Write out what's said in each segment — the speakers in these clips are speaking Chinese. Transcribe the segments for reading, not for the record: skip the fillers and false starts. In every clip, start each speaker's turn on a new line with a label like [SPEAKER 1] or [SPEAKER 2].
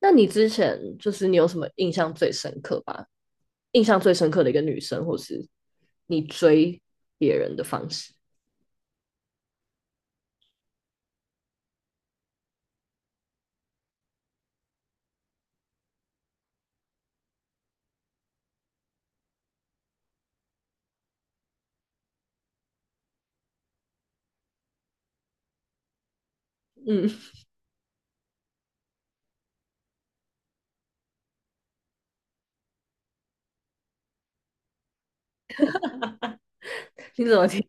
[SPEAKER 1] 那你之前你有什么印象最深刻吧？印象最深刻的一个女生，或是你追别人的方式？嗯，你怎么听？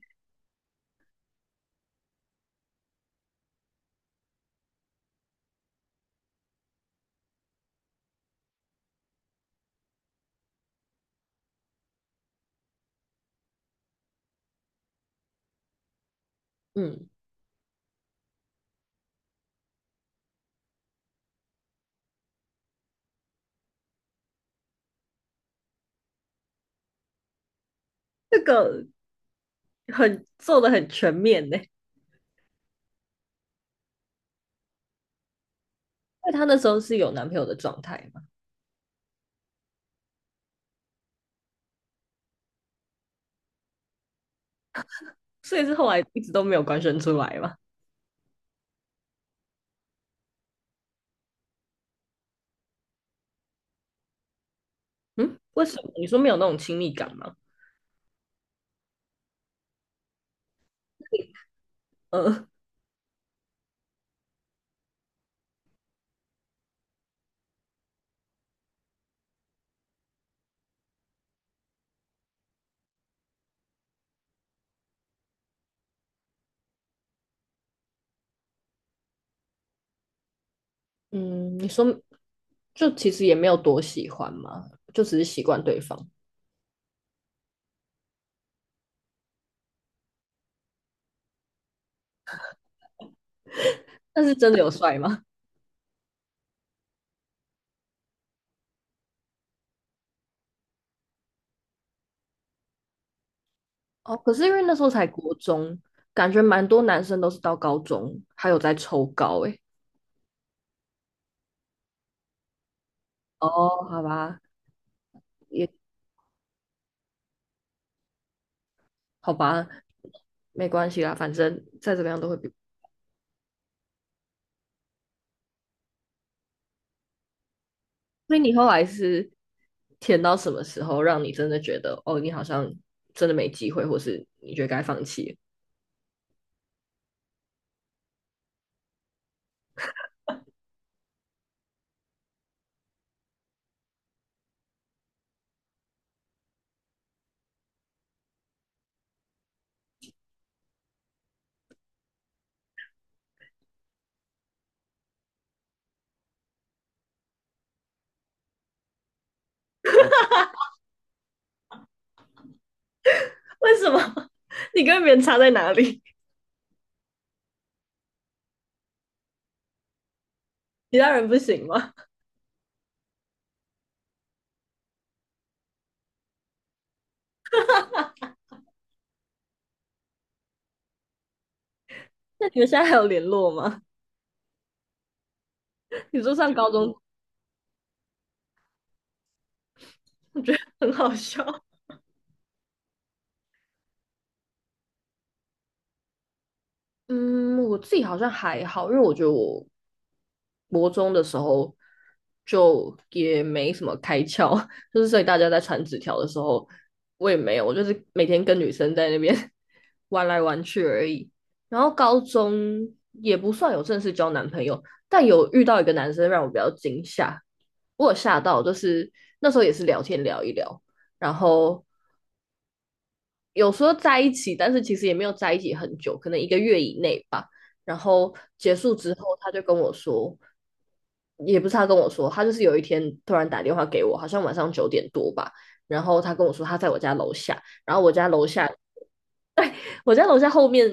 [SPEAKER 1] 嗯，这个很做的很全面呢。因为她那时候是有男朋友的状态嘛，所以是后来一直都没有官宣出来嘛。嗯，为什么？你说没有那种亲密感吗？呃，嗯，你说其实也没有多喜欢嘛，就只是习惯对方。但是真的有帅吗？哦，可是因为那时候才国中，感觉蛮多男生都是到高中还有在抽高哦，好吧，也好吧，没关系啦，反正再怎么样都会比所以你后来是填到什么时候，让你真的觉得哦，你好像真的没机会，或是你觉得该放弃。 为什么？你跟别人差在哪里？其他人不行吗？那你们现在还有联络吗？你说上高中，我觉得很好笑。嗯，我自己好像还好，因为我觉得我国中的时候就也没什么开窍，所以大家在传纸条的时候，我也没有，我就是每天跟女生在那边 玩来玩去而已。然后高中也不算有正式交男朋友，但有遇到一个男生让我比较惊吓，我有吓到，就是那时候也是聊天聊一聊，然后有时候在一起，但是其实也没有在一起很久，可能一个月以内吧。然后结束之后，他就跟我说，也不是他跟我说，他就是有一天突然打电话给我，好像晚上九点多吧。然后他跟我说他在我家楼下，然后我家楼下，我家楼下后面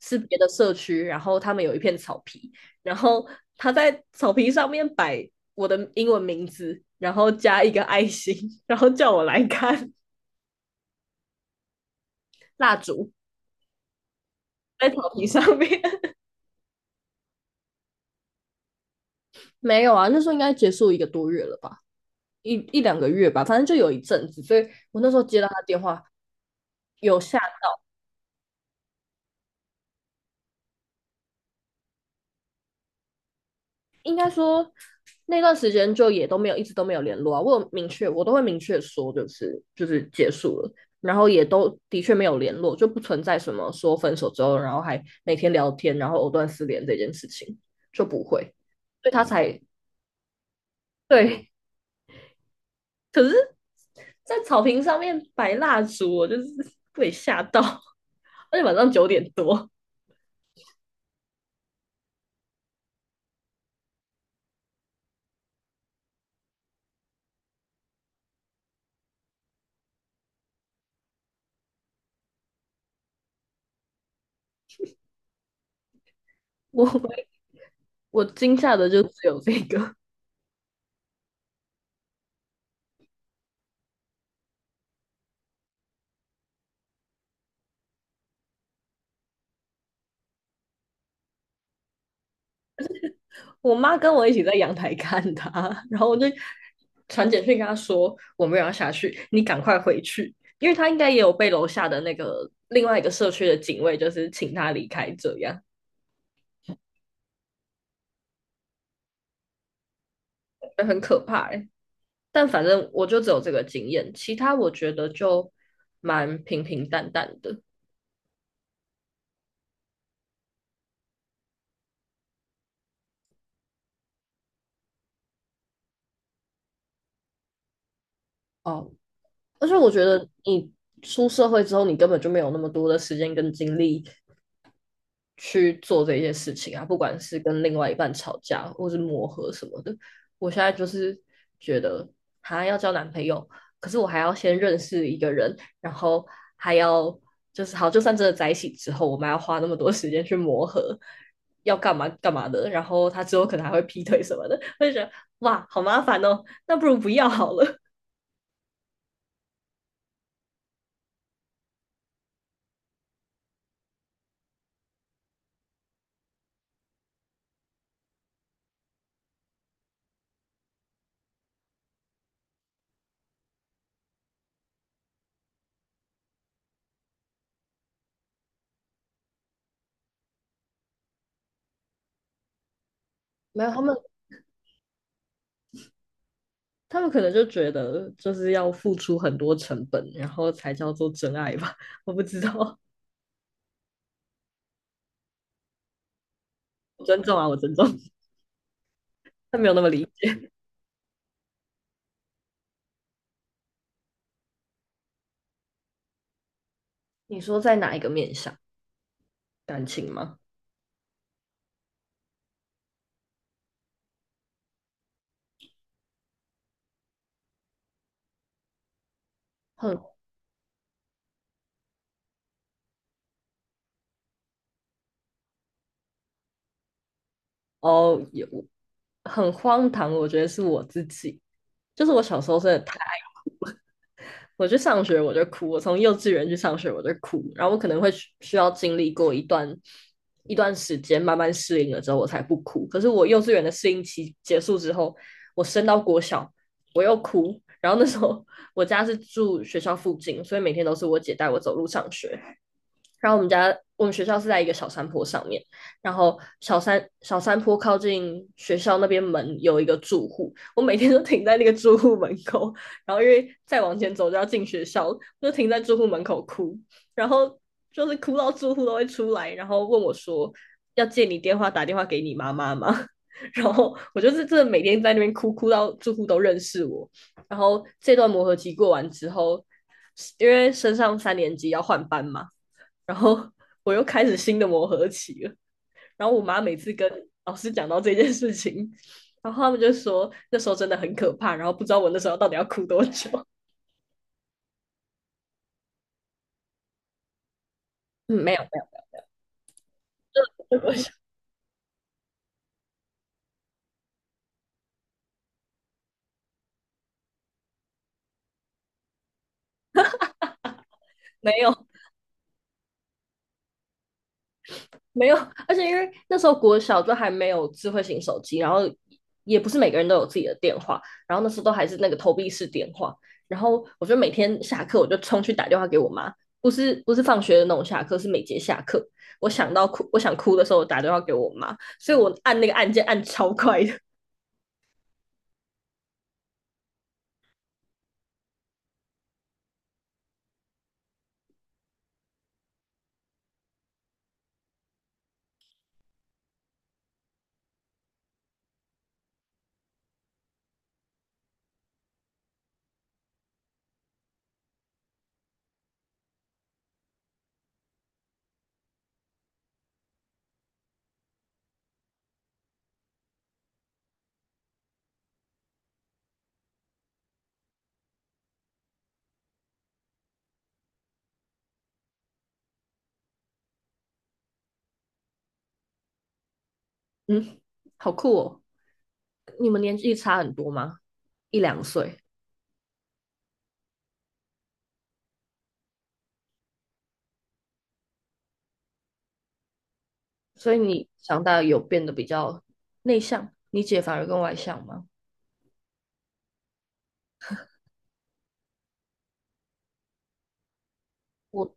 [SPEAKER 1] 是别的社区，然后他们有一片草皮，然后他在草皮上面摆我的英文名字，然后加一个爱心，然后叫我来看 蜡烛在草皮上面。没有啊，那时候应该结束一个多月了吧，一两个月吧，反正就有一阵子，所以我那时候接到他电话，有下，应该说那段时间就也都没有，一直都没有联络啊。我有明确，我都会明确说，就是结束了，然后也都的确没有联络，就不存在什么说分手之后，然后还每天聊天，然后藕断丝连这件事情就不会，所以他才对可是，在草坪上面摆蜡烛，我就是 被吓到，而且晚上九点多，我我惊吓的就只有这个。我妈跟我一起在阳台看她，然后我就传简讯跟她说我们有要下去，你赶快回去，因为她应该也有被楼下的那个另外一个社区的警卫就是请她离开，这样很可怕、欸。但反正我就只有这个经验，其他我觉得就蛮平平淡淡的。哦，而且我觉得你出社会之后，你根本就没有那么多的时间跟精力去做这些事情啊，不管是跟另外一半吵架，或是磨合什么的。我现在就是觉得，哈，要交男朋友，可是我还要先认识一个人，然后还要就是好，就算真的在一起之后，我们还要花那么多时间去磨合，要干嘛干嘛的，然后他之后可能还会劈腿什么的，我就觉得哇，好麻烦哦，那不如不要好了。没有，他们可能就觉得就是要付出很多成本，然后才叫做真爱吧？我不知道，我尊重啊，我尊重，他没有那么理解。你说在哪一个面向？感情吗？很哦，有很荒唐，我觉得是我自己，就是我小时候真的太我去上学我就哭，我从幼稚园去上学我就哭，然后我可能会需要经历过一段一段时间，慢慢适应了之后我才不哭。可是我幼稚园的适应期结束之后，我升到国小我又哭，然后那时候 我家是住学校附近，所以每天都是我姐带我走路上学，然后我们学校是在一个小山坡上面，然后小山坡靠近学校那边门有一个住户，我每天都停在那个住户门口，然后因为再往前走就要进学校，就停在住户门口哭，然后就是哭到住户都会出来，然后问我说要借你电话打电话给你妈妈吗？然后我就是真的每天在那边哭，哭到住户都认识我。然后这段磨合期过完之后，因为升上三年级要换班嘛，然后我又开始新的磨合期了。然后我妈每次跟老师讲到这件事情，然后他们就说那时候真的很可怕，然后不知道我那时候到底要哭多久。嗯，没有 没有，没有，而且因为那时候国小就还没有智慧型手机，然后也不是每个人都有自己的电话，然后那时候都还是那个投币式电话，然后我就每天下课我就冲去打电话给我妈，不是放学的那种下课，是每节下课，我想哭的时候我打电话给我妈，所以我按那个按键按超快的，嗯，好酷哦！你们年纪差很多吗？一两岁，所以你长大有变得比较内向，你姐反而更外向吗？我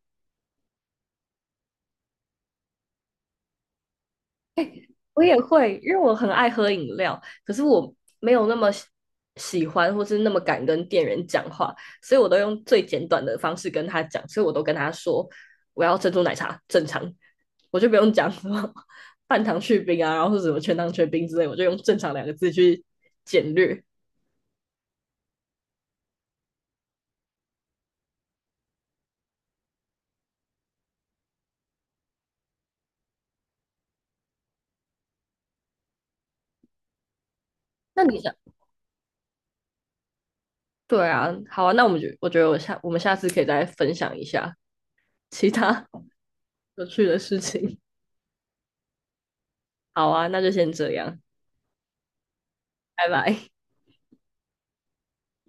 [SPEAKER 1] 我也会，因为我很爱喝饮料，可是我没有那么喜欢，或是那么敢跟店员讲话，所以我都用最简短的方式跟他讲，所以我都跟他说我要珍珠奶茶，正常，我就不用讲什么半糖去冰啊，然后是什么全糖全冰之类，我就用正常两个字去简略。那你想，对啊，好啊，那我们就我觉得我下我们下次可以再分享一下其他 有趣的事情。好啊，那就先这样，拜拜。